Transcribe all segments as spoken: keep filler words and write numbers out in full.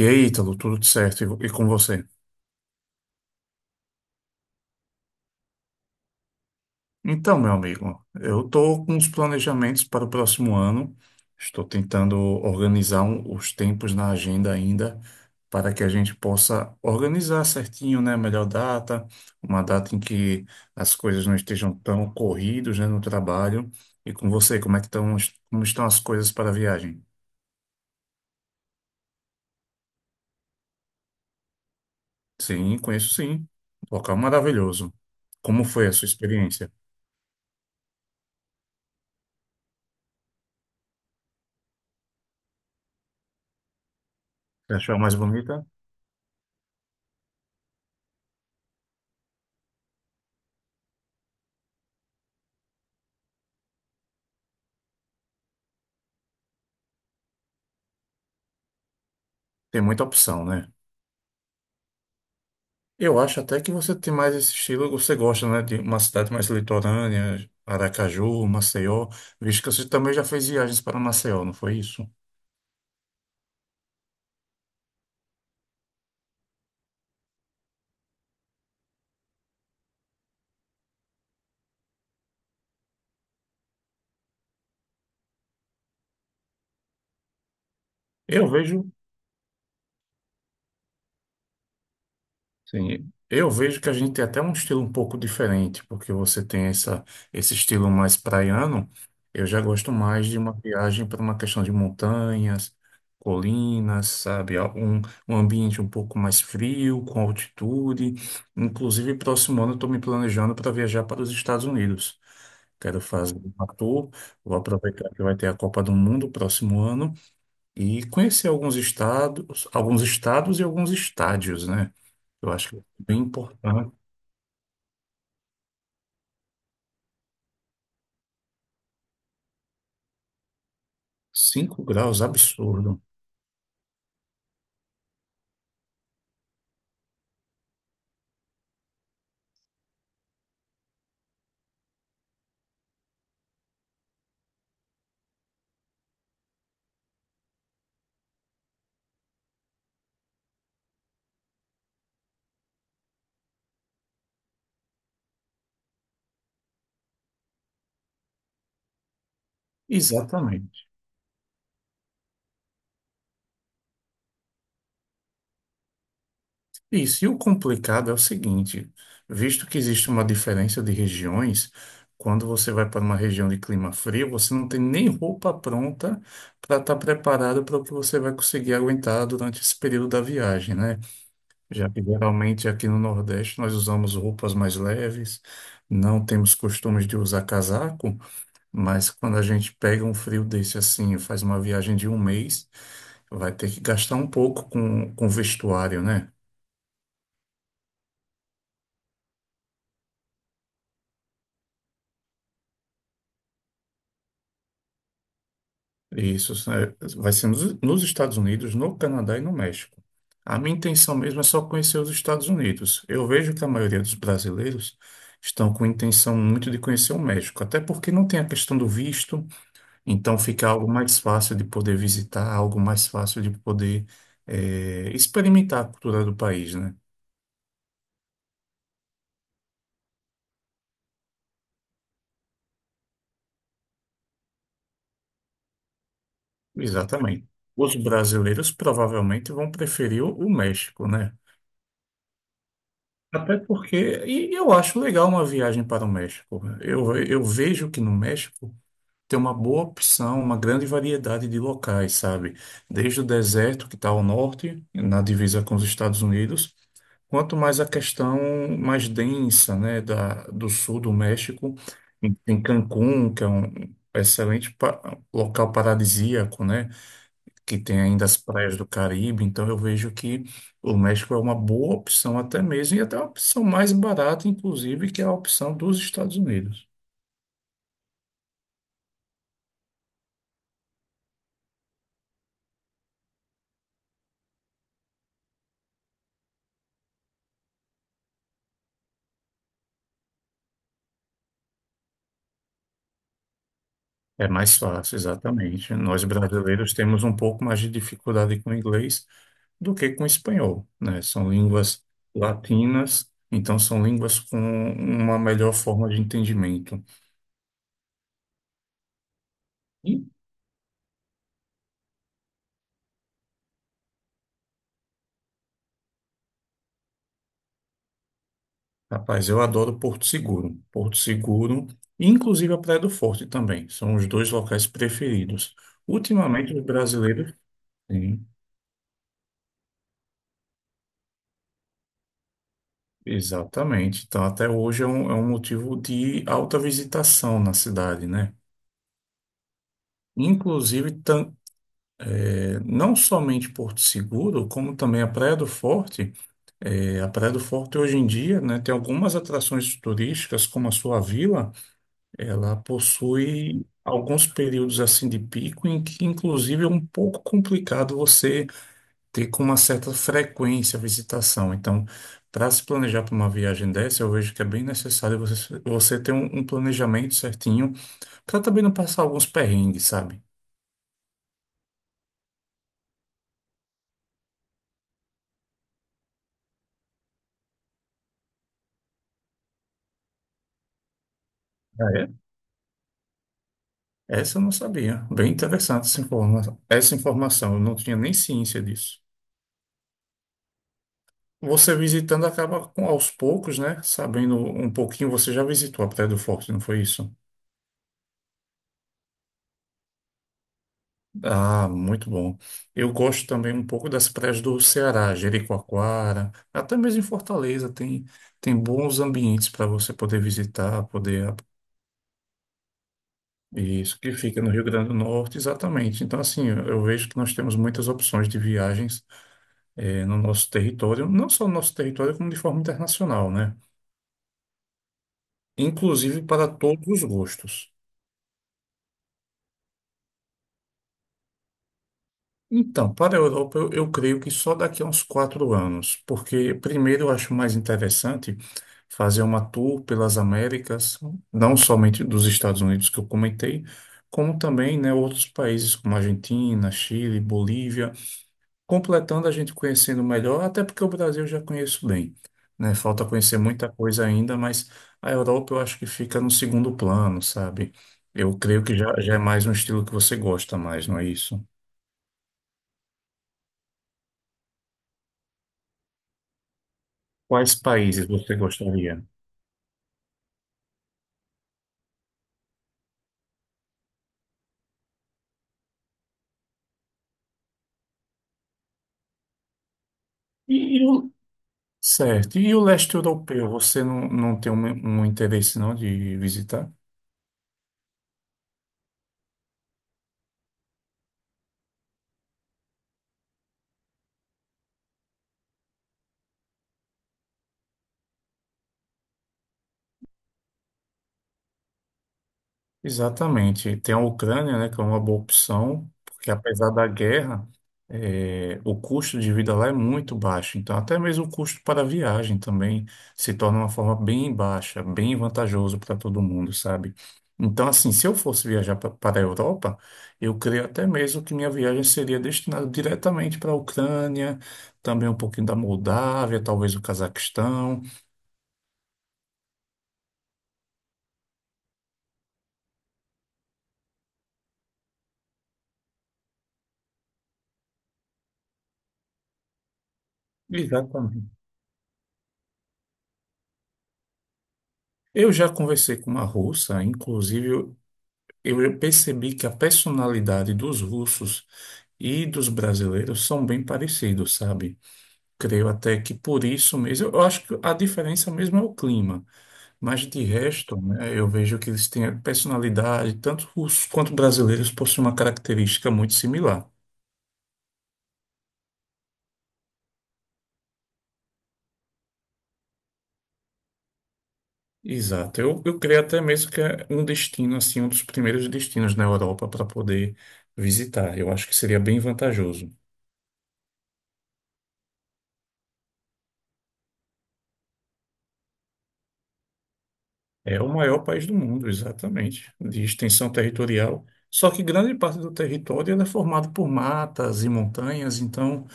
E aí, Ítalo, tudo certo? E e com você? Então, meu amigo, eu estou com os planejamentos para o próximo ano. Estou tentando organizar um- os tempos na agenda ainda para que a gente possa organizar certinho, né? A melhor data, uma data em que as coisas não estejam tão corridas, né, no trabalho. E com você, como é que estão, as- como estão as coisas para a viagem? Sim, conheço sim. Local maravilhoso. Como foi a sua experiência? Você achou a mais bonita? Tem muita opção, né? Eu acho até que você tem mais esse estilo, você gosta, né, de uma cidade mais litorânea, Aracaju, Maceió, visto que você também já fez viagens para Maceió, não foi isso? Eu vejo, sim, eu vejo que a gente tem até um estilo um pouco diferente, porque você tem essa, esse estilo mais praiano, eu já gosto mais de uma viagem para uma questão de montanhas, colinas, sabe, um, um ambiente um pouco mais frio, com altitude, inclusive próximo ano eu estou me planejando para viajar para os Estados Unidos. Quero fazer um ator, vou aproveitar que vai ter a Copa do Mundo próximo ano e conhecer alguns estados, alguns estados e alguns estádios, né? Eu acho que é bem importante. Cinco graus, absurdo. Exatamente. Isso. E o complicado é o seguinte, visto que existe uma diferença de regiões, quando você vai para uma região de clima frio, você não tem nem roupa pronta para estar preparado para o que você vai conseguir aguentar durante esse período da viagem, né? Já que geralmente aqui no Nordeste nós usamos roupas mais leves, não temos costumes de usar casaco, mas quando a gente pega um frio desse assim, faz uma viagem de um mês, vai ter que gastar um pouco com, com vestuário, né? Isso né, vai ser nos, nos Estados Unidos, no Canadá e no México. A minha intenção mesmo é só conhecer os Estados Unidos. Eu vejo que a maioria dos brasileiros estão com intenção muito de conhecer o México, até porque não tem a questão do visto. Então fica algo mais fácil de poder visitar, algo mais fácil de poder eh, experimentar a cultura do país, né? Exatamente. Os brasileiros provavelmente vão preferir o o México, né? Até porque, e eu acho legal uma viagem para o México. Eu, eu vejo que no México tem uma boa opção, uma grande variedade de locais, sabe? Desde o deserto, que está ao norte, na divisa com os Estados Unidos, quanto mais a questão mais densa, né, da, do sul do México, em, em Cancún, que é um excelente pa- local paradisíaco, né, que tem ainda as praias do Caribe. Então eu vejo que o México é uma boa opção até mesmo, e até uma opção mais barata, inclusive, que é a opção dos Estados Unidos. É mais fácil, exatamente. Nós brasileiros temos um pouco mais de dificuldade com o inglês do que com o espanhol, né? São línguas latinas, então são línguas com uma melhor forma de entendimento. E, rapaz, eu adoro Porto Seguro. Porto Seguro, e inclusive a Praia do Forte também, são os dois locais preferidos. Ultimamente, os brasileiros, sim, exatamente. Então, até hoje é um, é um motivo de alta visitação na cidade, né? Inclusive, tan- não somente Porto Seguro, como também a Praia do Forte. É, a Praia do Forte hoje em dia, né, tem algumas atrações turísticas, como a sua vila, ela possui alguns períodos assim de pico em que inclusive é um pouco complicado você ter com uma certa frequência a visitação. Então, para se planejar para uma viagem dessa, eu vejo que é bem necessário você, você ter um, um planejamento certinho para também não passar alguns perrengues, sabe? Essa eu não sabia. Bem interessante essa informação. Essa informação, eu não tinha nem ciência disso. Você visitando acaba com aos poucos, né? Sabendo um pouquinho, você já visitou a Praia do Forte, não foi isso? Ah, muito bom. Eu gosto também um pouco das praias do Ceará, Jericoacoara, até mesmo em Fortaleza tem tem bons ambientes para você poder visitar, poder isso que fica no Rio Grande do Norte, exatamente. Então assim, eu eu vejo que nós temos muitas opções de viagens eh, no nosso território, não só no nosso território, como de forma internacional, né? Inclusive para todos os gostos. Então, para a Europa, eu, eu creio que só daqui a uns quatro anos, porque primeiro eu acho mais interessante fazer uma tour pelas Américas, não somente dos Estados Unidos que eu comentei, como também, né, outros países como Argentina, Chile, Bolívia. Completando a gente conhecendo melhor, até porque o Brasil eu já conheço bem, né? Falta conhecer muita coisa ainda, mas a Europa eu acho que fica no segundo plano, sabe? Eu creio que já, já é mais um estilo que você gosta mais, não é isso? Quais países você gostaria? E, e o... Certo. E o leste europeu, você não, não tem um, um interesse não de visitar? Exatamente. Tem a Ucrânia, né, que é uma boa opção, porque apesar da guerra, eh, o custo de vida lá é muito baixo. Então, até mesmo o custo para a viagem também se torna uma forma bem baixa, bem vantajoso para todo mundo, sabe? Então, assim, se eu fosse viajar pa- para a Europa, eu creio até mesmo que minha viagem seria destinada diretamente para a Ucrânia, também um pouquinho da Moldávia, talvez o Cazaquistão. Exatamente. Eu já conversei com uma russa, inclusive eu percebi que a personalidade dos russos e dos brasileiros são bem parecidos, sabe? Creio até que por isso mesmo, eu acho que a diferença mesmo é o clima, mas de resto, né, eu vejo que eles têm a personalidade, tanto russos quanto brasileiros possuem uma característica muito similar. Exato, eu, eu creio até mesmo que é um destino, assim, um dos primeiros destinos na Europa para poder visitar. Eu acho que seria bem vantajoso. É o maior país do mundo, exatamente, de extensão territorial. Só que grande parte do território ela é formado por matas e montanhas, então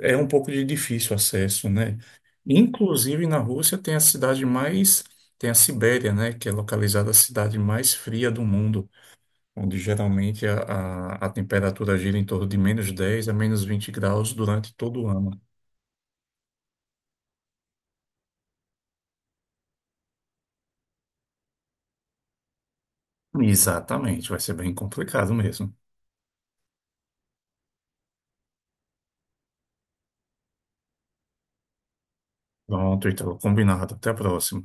é um pouco de difícil acesso, né? Inclusive na Rússia tem a cidade mais, tem a Sibéria, né? Que é localizada a cidade mais fria do mundo, onde geralmente a, a, a temperatura gira em torno de menos dez a menos vinte graus durante todo o ano. Exatamente, vai ser bem complicado mesmo. Pronto, então, combinado. Até a próxima.